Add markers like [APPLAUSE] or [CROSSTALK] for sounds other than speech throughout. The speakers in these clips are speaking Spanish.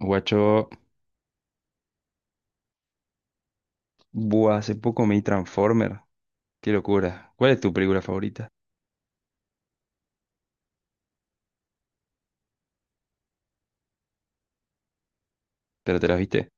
Guacho, buah, hace poco me vi Transformer. Qué locura. ¿Cuál es tu película favorita? ¿Pero te las viste?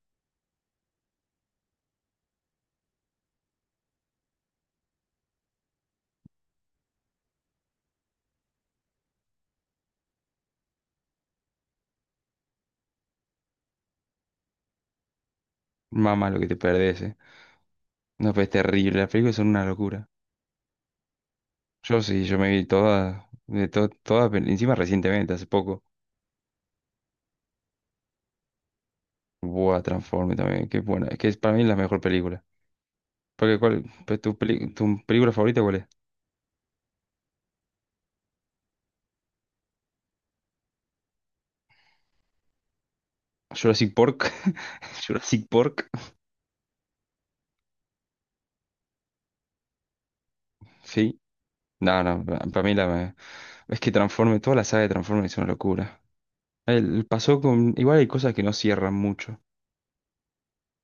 Mamá, lo que te perdés, eh. No, pues es terrible. Las películas son una locura. Yo sí, yo me vi todas, todas, encima recientemente, hace poco. Buah, Transformer también, qué buena. Es que para mí la mejor película. Porque, ¿cuál, pues, tu película favorita cuál es? Jurassic Park. [LAUGHS] Jurassic Park, sí. No, no, para mí la. Es que Transformer, toda la saga de Transformer es una locura. El, pasó con. Igual hay cosas que no cierran mucho.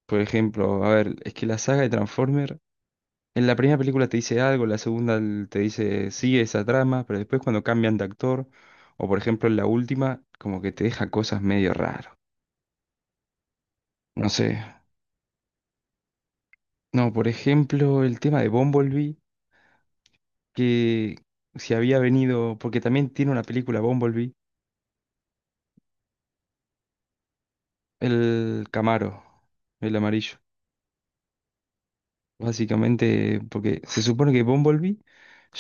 Por ejemplo, a ver, es que la saga de Transformer, en la primera película te dice algo, la segunda te dice sigue esa trama, pero después cuando cambian de actor, o por ejemplo en la última, como que te deja cosas medio raras. No sé. No, por ejemplo, el tema de Bumblebee, que si había venido, porque también tiene una película Bumblebee, el Camaro, el amarillo. Básicamente, porque se supone que Bumblebee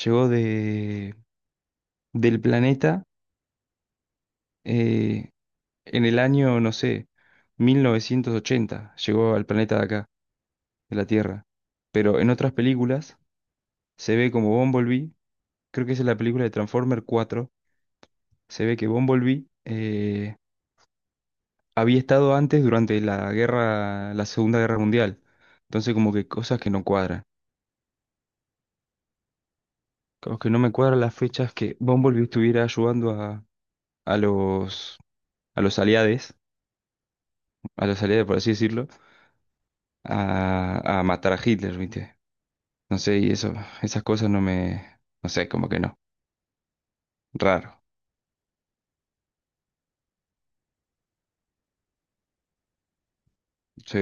llegó de del planeta eh, en el año, no sé, 1980. Llegó al planeta de acá, de la Tierra. Pero en otras películas se ve como Bumblebee, creo que esa es la película de Transformer 4. Se ve que Bumblebee había estado antes durante la guerra, la Segunda Guerra Mundial. Entonces como que cosas que no cuadran. Como que no me cuadran las fechas que Bumblebee estuviera ayudando a los, a los aliados, por así decirlo, a matar a Hitler, ¿viste? No sé, y eso, esas cosas no me, no sé, como que no. Raro. Sí,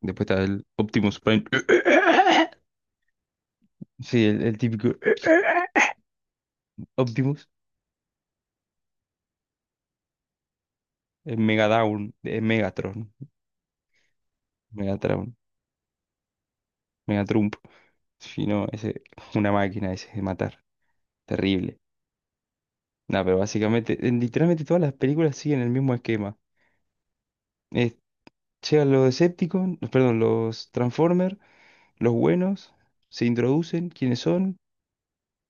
después está el Optimus Prime. [COUGHS] [LAUGHS] Sí, el típico [LAUGHS] Optimus, el Megadown, el Megatron, Megatron, Megatrump. Si no, ese, una máquina ese de matar. Terrible. No, pero básicamente, literalmente todas las películas siguen el mismo esquema. Es- Llegan los Decepticons, perdón, los Transformers, los buenos, se introducen, quiénes son.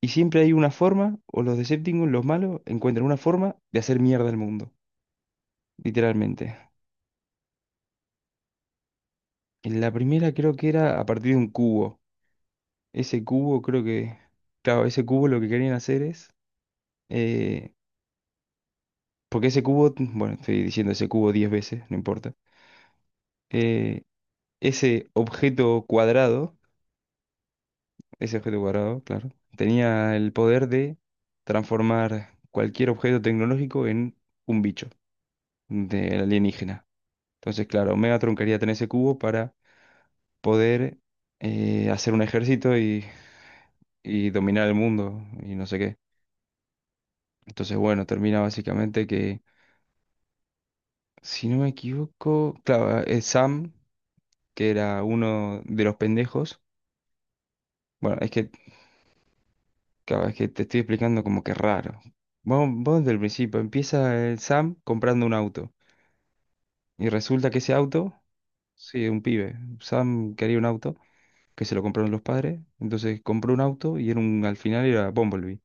Y siempre hay una forma, o los Decepticons, los malos, encuentran una forma de hacer mierda al mundo, literalmente. En la primera creo que era a partir de un cubo. Ese cubo creo que, claro, ese cubo lo que querían hacer es, eh, porque ese cubo, bueno, estoy diciendo ese cubo 10 veces, no importa. Eh, Ese objeto cuadrado, ese objeto cuadrado, claro, tenía el poder de transformar cualquier objeto tecnológico en un bicho de alienígena. Entonces, claro, Megatron quería tener ese cubo para poder hacer un ejército y dominar el mundo y no sé qué. Entonces, bueno, termina básicamente que, si no me equivoco, claro, Sam, que era uno de los pendejos, bueno, es que, claro, es que te estoy explicando como que raro. Vos desde el principio, empieza el Sam comprando un auto y resulta que ese auto, sí, un pibe, Sam quería un auto que se lo compraron los padres, entonces compró un auto y era un, al final era Bumblebee.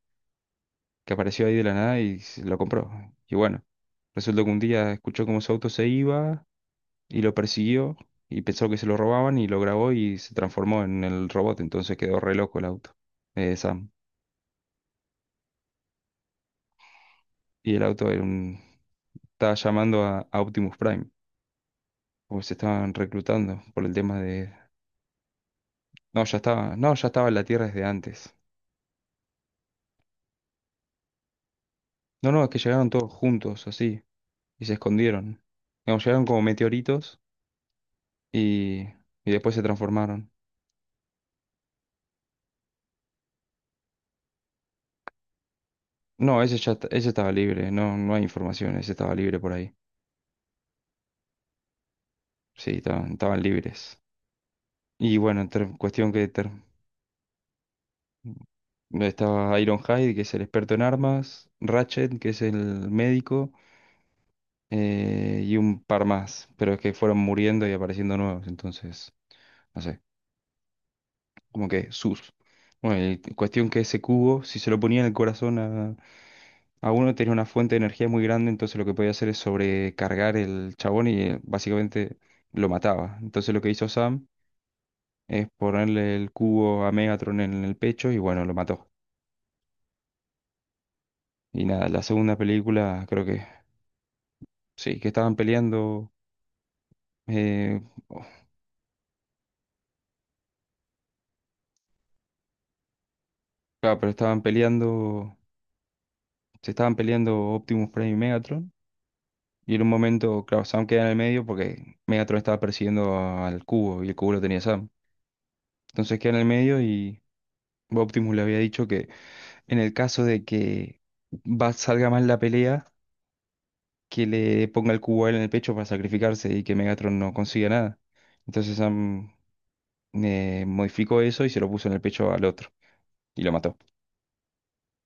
Que apareció ahí de la nada y se lo compró. Y bueno, resultó que un día escuchó cómo su auto se iba y lo persiguió y pensó que se lo robaban y lo grabó y se transformó en el robot. Entonces quedó re loco el auto, Sam. Y el auto era estaba llamando a Optimus Prime, porque se estaban reclutando por el tema de. No, ya estaba, no, ya estaba en la Tierra desde antes. No, no, es que llegaron todos juntos así y se escondieron. Digamos, llegaron como meteoritos y, y después se transformaron. No, ese estaba libre, no, no hay información, ese estaba libre por ahí. Sí, estaban libres. Y bueno, cuestión que estaba Ironhide, que es el experto en armas, Ratchet, que es el médico, y un par más, pero es que fueron muriendo y apareciendo nuevos, entonces, no sé, como que sus. Bueno, y cuestión que ese cubo, si se lo ponía en el corazón a uno, tenía una fuente de energía muy grande, entonces lo que podía hacer es sobrecargar el chabón y básicamente lo mataba. Entonces lo que hizo Sam es ponerle el cubo a Megatron en el pecho y bueno, lo mató. Y nada, la segunda película creo que sí, que estaban peleando, eh, oh, claro, pero estaban peleando, se estaban peleando Optimus Prime y Megatron. Y en un momento, claro, Sam queda en el medio porque Megatron estaba persiguiendo al cubo y el cubo lo tenía Sam. Entonces queda en el medio y Optimus le había dicho, en el caso de que salga mal la pelea, que le ponga el cubo a él en el pecho para sacrificarse y que Megatron no consiga nada. Entonces Sam modificó eso y se lo puso en el pecho al otro. Y lo mató.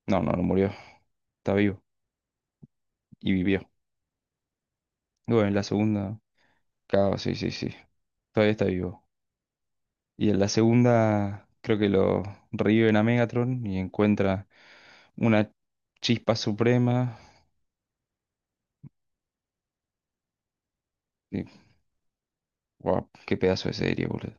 No, no, no murió. Está vivo. Y vivió. Bueno, en la segunda. Claro, sí, sí, sí. Todavía está vivo. Y en la segunda, creo que lo reviven a Megatron y encuentra una chispa suprema. Y, guau, qué pedazo de serie, boludo.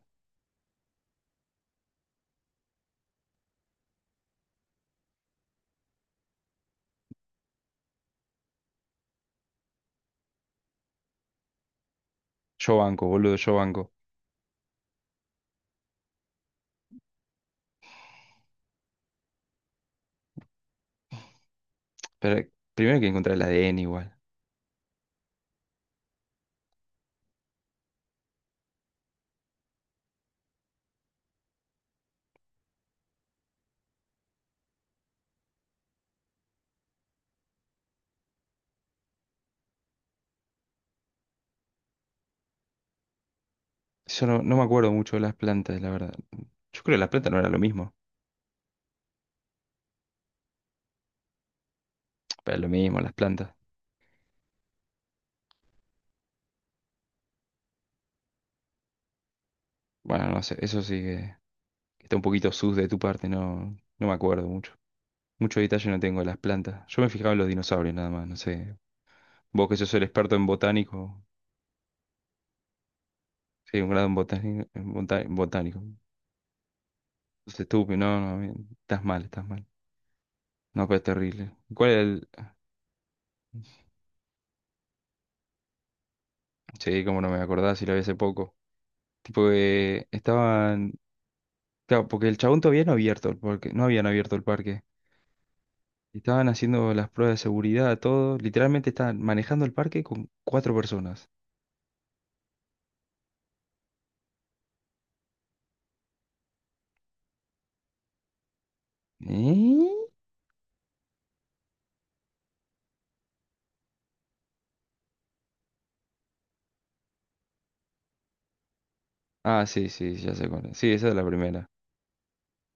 Yo banco, boludo, yo banco. Pero primero hay que encontrar el ADN igual. Yo no, no me acuerdo mucho de las plantas, la verdad. Yo creo que las plantas no era lo mismo. Pero lo mismo, las plantas. Bueno, no sé, eso sí que está un poquito sus de tu parte, no, no me acuerdo mucho. Mucho detalle no tengo de las plantas. Yo me fijaba en los dinosaurios nada más, no sé. Vos que sos el experto en botánico. Sí, un grado en botánico. En botánico. Sos estúpido, no, no, bien, estás mal, estás mal. No, pero es terrible. ¿Cuál era el? Sí, como no me acordaba si lo vi hace poco. Tipo que estaban. Claro, porque el chabón todavía no había abierto el parque, no habían abierto el parque. Estaban haciendo las pruebas de seguridad, todo. Literalmente estaban manejando el parque con cuatro personas. ¿Eh? Ah, sí, sí, ya sé cuál es. Sí, esa es la primera.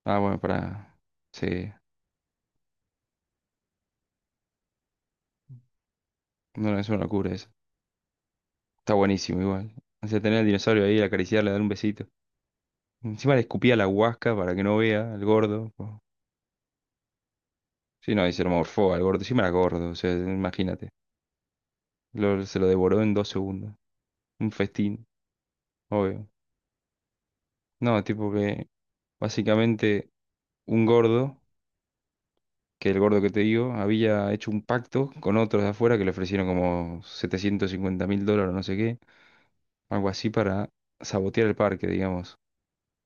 Ah, bueno, para. Sí, no, no, es una locura eso. Está buenísimo igual. O sea, tener al dinosaurio ahí, acariciarle, darle un besito. Encima le escupía la huasca para que no vea al gordo. Po. Sí, no, y se lo morfó al gordo. Encima era gordo, o sea, imagínate. Se lo devoró en 2 segundos. Un festín, obvio. No, tipo que básicamente, un gordo, que el gordo que te digo, había hecho un pacto con otros de afuera que le ofrecieron como 750 mil dólares, no sé qué, algo así para sabotear el parque, digamos.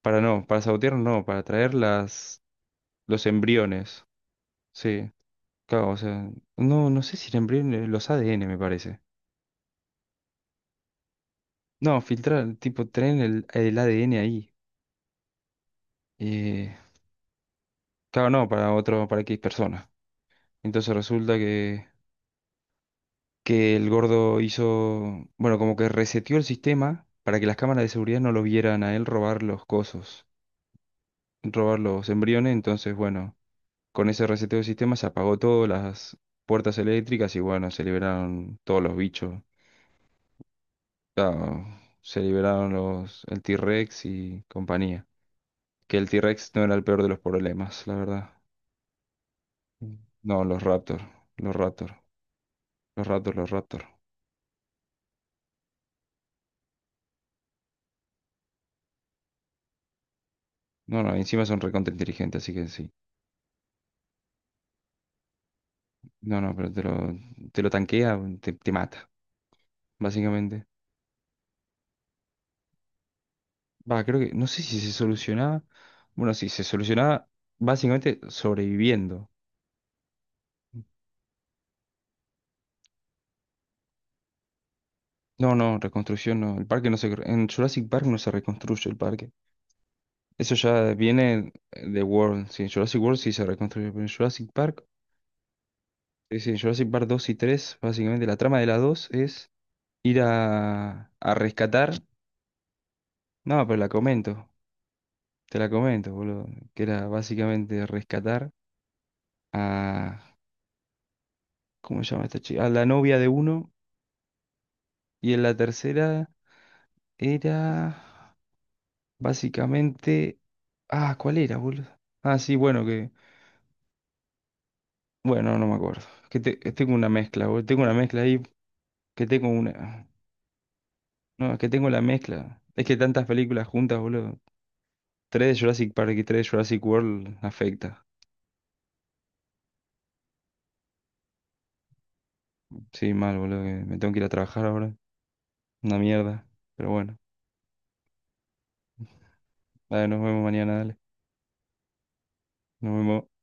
Para no, para sabotear no, para traer las, los embriones. Sí, claro, o sea, no, no sé si el embrión, los ADN me parece. No, filtrar, tipo, traen el ADN ahí. Eh, claro, no, para otro, para X persona. Entonces resulta que el gordo hizo, bueno, como que reseteó el sistema para que las cámaras de seguridad no lo vieran a él robar los cosos, robar los embriones, entonces, bueno, con ese reseteo del sistema se apagó todas las puertas eléctricas y bueno, se liberaron todos los bichos. Claro, se liberaron los, el T-Rex y compañía. Que el T-Rex no era el peor de los problemas, la verdad. Mm. No, los Raptor, los Raptor, los Raptor, los Raptor. No, no, encima son recontra inteligentes, así que sí. No, no, pero te lo tanquea, bueno, te mata, básicamente. Va, creo que, no sé si se solucionaba. Bueno, sí, se solucionaba básicamente sobreviviendo. No, no, reconstrucción no. El parque no se. En Jurassic Park no se reconstruye el parque. Eso ya viene de World. Sí, en Jurassic World sí se reconstruye. Pero en Jurassic Park, sí, sí, en Jurassic Park 2 y 3 básicamente la trama de la dos es ir a rescatar. No, pero la comento. Te la comento, boludo. Que era básicamente rescatar a ¿cómo se llama esta chica? A la novia de uno. Y en la tercera era básicamente. Ah, ¿cuál era, boludo? Ah, sí, bueno, que. Bueno, no me acuerdo. Que que tengo una mezcla, boludo. Tengo una mezcla ahí. Que tengo una. No, es que tengo la mezcla. Es que tantas películas juntas, boludo. Tres de Jurassic Park y tres de Jurassic World afecta. Sí, mal, boludo. Que me tengo que ir a trabajar ahora. Una mierda. Pero bueno. Dale, nos vemos mañana, dale. Nos vemos.